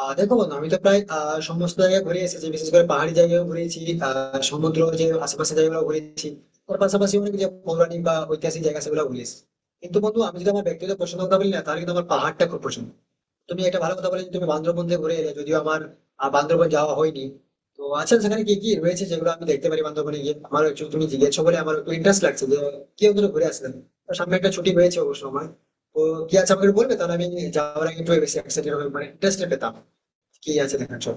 দেখো বন্ধু, আমি তো প্রায় সমস্ত জায়গায় ঘুরে এসেছি, বিশেষ করে পাহাড়ি জায়গায় ঘুরেছি। সমুদ্র যে আশেপাশে জায়গাগুলো ঘুরেছি, ওর পাশাপাশি অনেক যে পৌরাণিক বা ঐতিহাসিক জায়গা সেগুলো ঘুরে এসেছি। কিন্তু বন্ধু, আমি যদি আমার ব্যক্তিগত পছন্দ কথা বলি না, তাহলে কিন্তু আমার পাহাড়টা খুব পছন্দ। তুমি একটা ভালো কথা বলে, তুমি বান্দরবন দিয়ে ঘুরে এলে, যদিও আমার বান্দরবন যাওয়া হয়নি। তো আচ্ছা, সেখানে কি কি রয়েছে যেগুলো আমি দেখতে পারি বান্দরবনে গিয়ে? আমার একটু তুমি জিজ্ঞেস বলে আমার একটু ইন্টারেস্ট লাগছে যে কি ওদের ঘুরে আসলেন। তো সামনে একটা ছুটি হয়েছে অবশ্য আমার। তো কি আছে আমাকে একটু বলবে, তাহলে আমি যাওয়ার আগে একটু বেশি এক্সাইটেড হবে, মানে ইন্টারেস্টেড পেতাম কি আছে দেখার জন্য।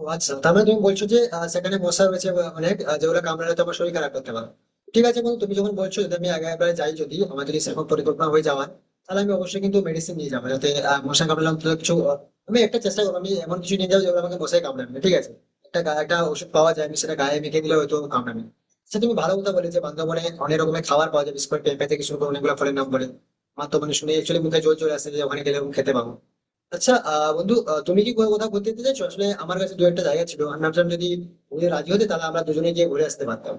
ও আচ্ছা, তার মানে তুমি বলছো যে সেখানে মশা রয়েছে বা অনেক যেগুলো কামড়ালে তো আমার শরীর খারাপ করতে পারে। ঠিক আছে বন্ধু, তুমি যখন বলছো, যদি আমি আগে একবার যাই, যদি আমার যদি সেরকম পরিকল্পনা হয়ে যাওয়ার, তাহলে আমি অবশ্যই কিন্তু মেডিসিন নিয়ে যাবো, যাতে মশা কামড়ালে অন্তত কিছু আমি একটা চেষ্টা করবো, আমি এমন কিছু নিয়ে যাবো যেগুলো আমাকে মশাই কামড়াবে না, ঠিক আছে। একটা ওষুধ পাওয়া যায়, আমি সেটা গায়ে মেখে দিলে হয়তো কামড়াবে না। আচ্ছা, তুমি ভালো কথা বলে যে বান্ধবনে অনেক রকমের খাবার পাওয়া যায়, বিশেষ করে পেঁপে থেকে শুরু করে অনেকগুলো ফলের নাম বলে। আমার তো মানে শুনে একচুয়ালি মুখে জল চলে আসে যে ওখানে গেলে এরকম খেতে পাবো। আচ্ছা বন্ধু, তুমি কি কোথাও কোথাও ঘুরতে যেতে চাইছো? আসলে আমার কাছে দু একটা জায়গা ছিল, আমি ভাবছিলাম যদি তুমি রাজি হতে, তাহলে আমরা দুজনে গিয়ে ঘুরে আসতে পারতাম।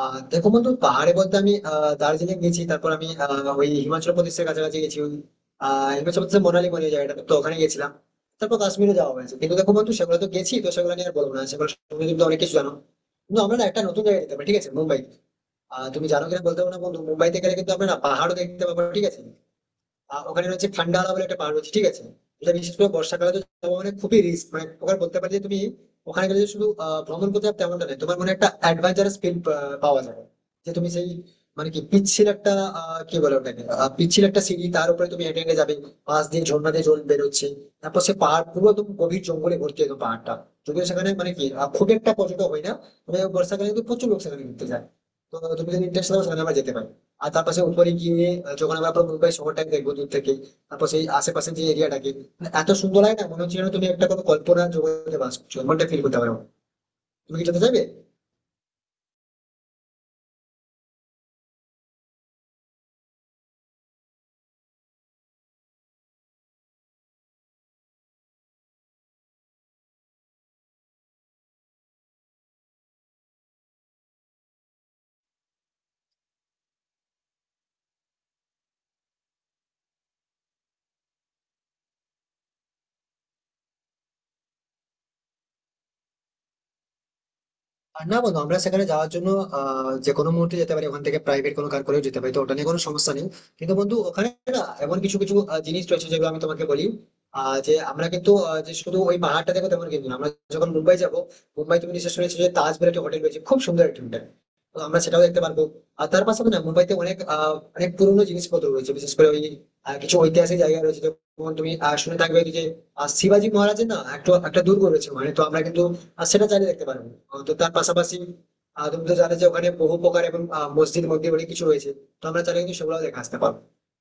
দেখো বন্ধু, পাহাড়ে বলতে আমি দার্জিলিং গেছি, তারপর আমি ওই হিমাচল প্রদেশের কাছাকাছি গেছি, ওই হিমাচল প্রদেশের মোনালি বলে জায়গাটা, তো ওখানে গেছিলাম। তারপর কাশ্মীরে যাওয়া হয়েছে। কিন্তু দেখো বন্ধু, সেগুলো তো গেছি, তো সেগুলো নিয়ে আর বলবো না, সেগুলো তুমি কিন্তু অনেক কিছু জানো। কিন্তু আমরা না একটা নতুন জায়গায় যেতে পারি, ঠিক আছে, মুম্বাই। তুমি জানো কিনা বলতে পারো না বন্ধু, মুম্বাইতে গেলে কিন্তু আমরা না পাহাড়ও দেখতে পাবো, ঠিক আছে। ওখানে রয়েছে ফান্ডালা বলে একটা পাহাড় রয়েছে, ঠিক আছে। এটা বিশেষ করে বর্ষাকালে তো যাওয়া মানে খুবই রিস্ক, মানে ওখানে বলতে পারি যে তুমি ওখানে গেলে যে শুধু ভ্রমণ করতে হবে তেমনটা নয়, তোমার মনে একটা অ্যাডভেঞ্চারাস ফিল পাওয়া যাবে। যে তুমি সেই, মানে কি পিচ্ছিল একটা, কি বলে ওটাকে, পিচ্ছিল একটা সিঁড়ি, তার উপরে তুমি হেঁটে হেঁটে যাবে, পাশ দিয়ে ঝর্ণা দিয়ে জল বেরোচ্ছে। তারপর সে পাহাড় পুরো একদম গভীর জঙ্গলে ভর্তি, একদম পাহাড়টা। যদিও সেখানে মানে কি খুব একটা পর্যটক হয় না, তবে বর্ষাকালে কিন্তু প্রচুর লোক সেখানে ঘুরতে যায়। তো তুমি যদি ইন্টারেস্ট থাকো, সেখানে আবার যেতে পারো। আর তার পাশে উপরে গিয়ে যখন আমরা পুরো মুম্বাই শহরটাকে দেখবো দূর থেকে, তারপর সেই আশেপাশে যে এরিয়াটাকে, মানে এত সুন্দর লাগে না, মনে হচ্ছে যেন তুমি একটা কোনো কল্পনা জগতে বাস করছো এমনটা ফিল করতে পারো। তুমি কি যেতে চাইবে? আর না বন্ধু, আমরা সেখানে যাওয়ার জন্য যে কোনো মুহূর্তে যেতে পারি, ওখান থেকে প্রাইভেট কোনো কার করেও যেতে পারি, তো ওটা নিয়ে কোনো সমস্যা নেই। কিন্তু বন্ধু ওখানে না এমন কিছু কিছু জিনিস রয়েছে যেগুলো আমি তোমাকে বলি। যে আমরা কিন্তু যে শুধু ওই পাহাড়টা দেখো তেমন কিন্তু না। আমরা যখন মুম্বাই যাব, মুম্বাই তুমি নিশ্চয় শুনেছো যে তাজমহল একটা হোটেল রয়েছে, খুব সুন্দর একটা হোটেল, তো আমরা সেটাও দেখতে পারবো। আর তার পাশাপাশি না মুম্বাইতে অনেক অনেক পুরোনো জিনিসপত্র রয়েছে, বিশেষ করে ওই কিছু ঐতিহাসিক জায়গা রয়েছে, যেমন তুমি শুনে থাকবে যে শিবাজি মহারাজের না একটা একটা দুর্গ রয়েছে, মানে তো আমরা কিন্তু আর সেটা চাইলে দেখতে পারেন। তো তার পাশাপাশি তুমি তো জানো যে ওখানে বহু প্রকার এবং মসজিদ মন্দির অনেক কিছু রয়েছে, তো আমরা চাইলে কিন্তু সেগুলো দেখে আসতে পারবো।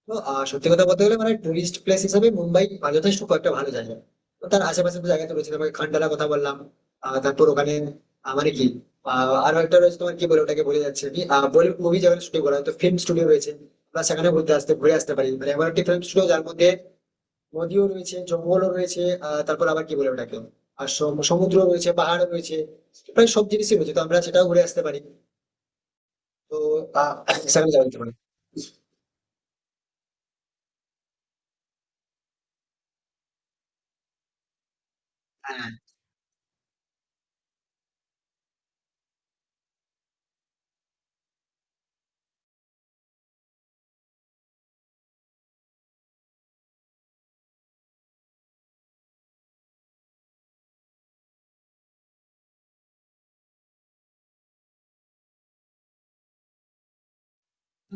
তো সত্যি কথা বলতে গেলে মানে টুরিস্ট প্লেস হিসেবে মুম্বাই যথেষ্ট কয়েকটা ভালো জায়গা। তো তার আশেপাশে তো জায়গা তো রয়েছে, তোমাকে খান্ডালার কথা বললাম। তারপর ওখানে মানে কি আরো একটা রয়েছে, তোমার কি বলে ওটাকে বলে যাচ্ছে আমি, বলিউড মুভি যেখানে শুটিং করা হয়, তো ফিল্ম স্টুডিও রয়েছে, আমরা সেখানে ঘুরতে আসতে ঘুরে আসতে পারি। মানে এমন একটি ফিল্ম স্টুডিও যার মধ্যে নদীও রয়েছে, জঙ্গলও রয়েছে, তারপর আবার কি বলে ওটাকে, আর সমুদ্র রয়েছে, পাহাড় রয়েছে, প্রায় সব জিনিসই রয়েছে, তো আমরা সেটাও ঘুরে আসতে পারি। তো আহ, সেখানে যাওয়া যেতে পারে। হ্যাঁ,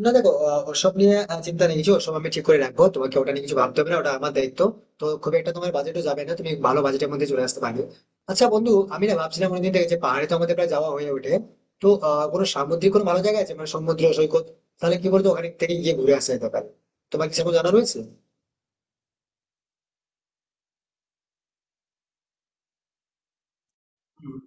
না দেখো ওসব নিয়ে চিন্তা নেই কিছু, ওসব আমি ঠিক করে রাখবো, তোমাকে ওটা নিয়ে কিছু ভাবতে হবে না, ওটা আমার দায়িত্ব। তো খুব একটা তোমার বাজেটও যাবে না, তুমি ভালো বাজেটের মধ্যে চলে আসতে পারবে। আচ্ছা বন্ধু, আমি না ভাবছিলাম অনেকদিন থেকে যে পাহাড়ে তো আমাদের প্রায় যাওয়া হয়ে ওঠে। তো কোনো সামুদ্রিক কোনো ভালো জায়গা আছে, মানে সমুদ্র সৈকত, তাহলে কি বলতো ওখানে থেকে গিয়ে ঘুরে আসা যেতে পারে? তোমার কি সেরকম জানা রয়েছে? হুম।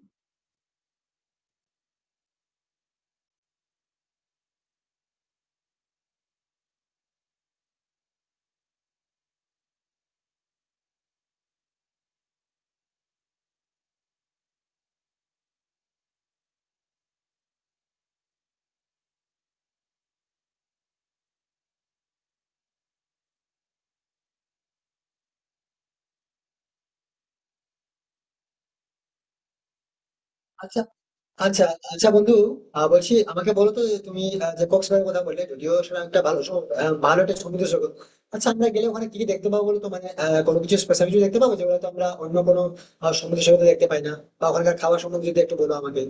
আচ্ছা আচ্ছা আচ্ছা বন্ধু, বলছি আমাকে বলো তো যে তুমি যে কক্সবাজারের কথা বললে, যদিও সেটা একটা ভালো ভালো একটা সমুদ্র সৈকত। আচ্ছা আমরা গেলে ওখানে কি কি দেখতে পাবো বলো তো? মানে কোনো কিছু স্পেশাল কিছু দেখতে পাবো যেগুলো তো আমরা অন্য কোনো সমুদ্র সৈকতে দেখতে পাই না? বা ওখানকার খাবার সম্বন্ধে যদি একটু বলো আমাকে।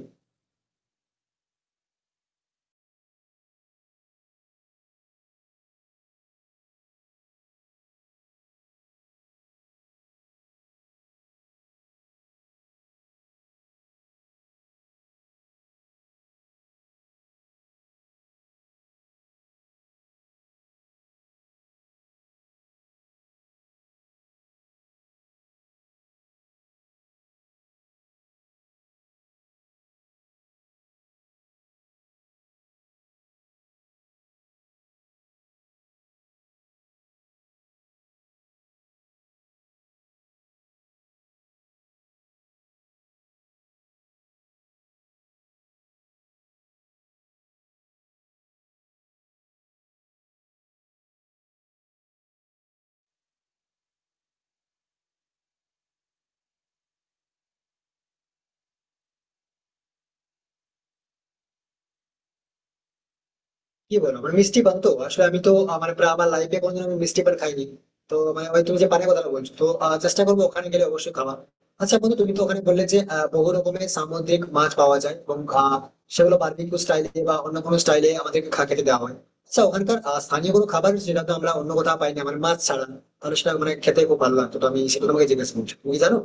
কি বলো, মানে মিষ্টি পান তো আসলে আমি তো, আমার প্রায় আমার লাইফে কোনোদিন আমি মিষ্টি পান খাইনি। তো মানে ওই তুমি যে পানের কথা বলছো, তো চেষ্টা করবো ওখানে গেলে অবশ্যই খাওয়া। আচ্ছা বন্ধু, তুমি তো ওখানে বললে যে বহু রকমের সামুদ্রিক মাছ পাওয়া যায় এবং সেগুলো বারবিকিউ স্টাইলে বা অন্য কোনো স্টাইলে আমাদেরকে খেতে দেওয়া হয়। আচ্ছা, ওখানকার স্থানীয় কোনো খাবার যেটা তো আমরা অন্য কোথাও পাই না, মানে মাছ ছাড়া, তাহলে সেটা মানে খেতে খুব ভালো লাগতো, তো আমি সেটা তোমাকে জিজ্ঞেস করছি, তুমি কি জানো?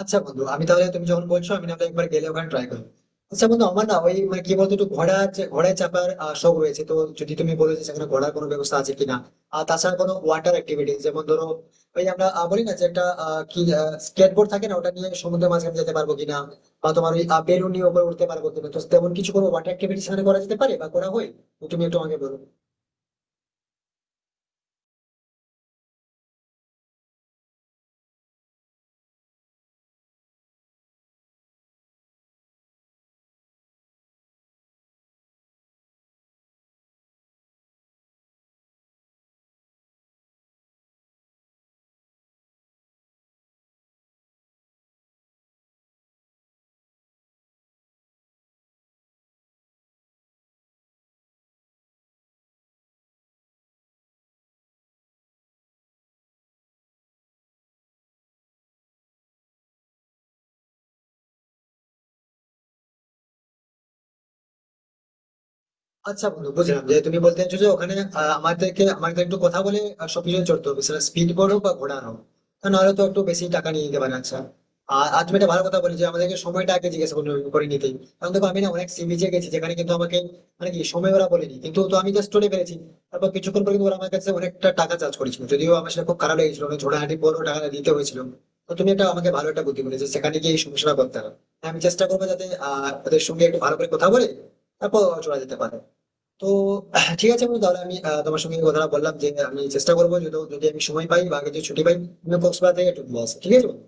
আচ্ছা বন্ধু, আমি তাহলে, তুমি যখন বলছো, আমি তাহলে একবার গেলে ওখানে ট্রাই করবো। আচ্ছা বন্ধু, আমার না ওই মানে কি বলতো, একটু ঘোড়ায় চাপার শখ রয়েছে, তো যদি তুমি বলো যে সেখানে ঘোড়ার কোনো ব্যবস্থা আছে কিনা। আর তাছাড়া কোনো ওয়াটার অ্যাক্টিভিটি, যেমন ধরো ওই আমরা বলি না যে একটা কি স্কেটবোর্ড থাকে না, ওটা নিয়ে সমুদ্রের মাঝখানে যেতে পারবো কিনা, বা তোমার ওই বেলুন নিয়ে উপরে উঠতে পারবো কিনা, তো তেমন কিছু কোনো ওয়াটার অ্যাক্টিভিটি সেখানে করা যেতে পারে বা করা হয়, তো তুমি একটু আমাকে বলো। আচ্ছা বন্ধু বুঝলাম, যে তুমি বলতে চাইছো যে ওখানে আমাদেরকে আমাদের একটু কথা বলে সবকিছু চড়তে হবে, সেটা স্পিড বোর্ড হোক বা ঘোড়া হোক, তা নাহলে তো একটু বেশি টাকা নিয়ে নিতে পারে। আচ্ছা, আর আর তুমি একটা ভালো কথা বলে যে আমাদেরকে সময়টা আগে জিজ্ঞেস করে করে নিতে। কারণ দেখো, আমি না অনেক সি বিচে গেছি যেখানে কিন্তু আমাকে মানে কি সময় ওরা বলেনি কিন্তু, তো আমি জাস্ট চলে পেরেছি। তারপর কিছুক্ষণ পর কিন্তু ওরা আমার কাছে অনেকটা টাকা চার্জ করেছিল, যদিও আমার সেটা খুব খারাপ লেগেছিল, অনেক ঝোড়াহাটি পর টাকা দিতে হয়েছিল। তো তুমি একটা আমাকে ভালো একটা বুদ্ধি বলেছো, সেখানে গিয়ে এই সমস্যাটা করতে হবে। আমি চেষ্টা করবো যাতে ওদের সঙ্গে একটু ভালো করে কথা বলে তারপর চলে যেতে পারে। তো ঠিক আছে বন্ধু, তাহলে আমি তোমার সঙ্গে এই কথাটা বললাম, যে আমি চেষ্টা করবো, যদি যদি আমি সময় পাই বা আগে যদি ছুটি পাই, আমি কক্সবাজার থেকে ট্যুর নিয়ে আসি, ঠিক আছে বন্ধু?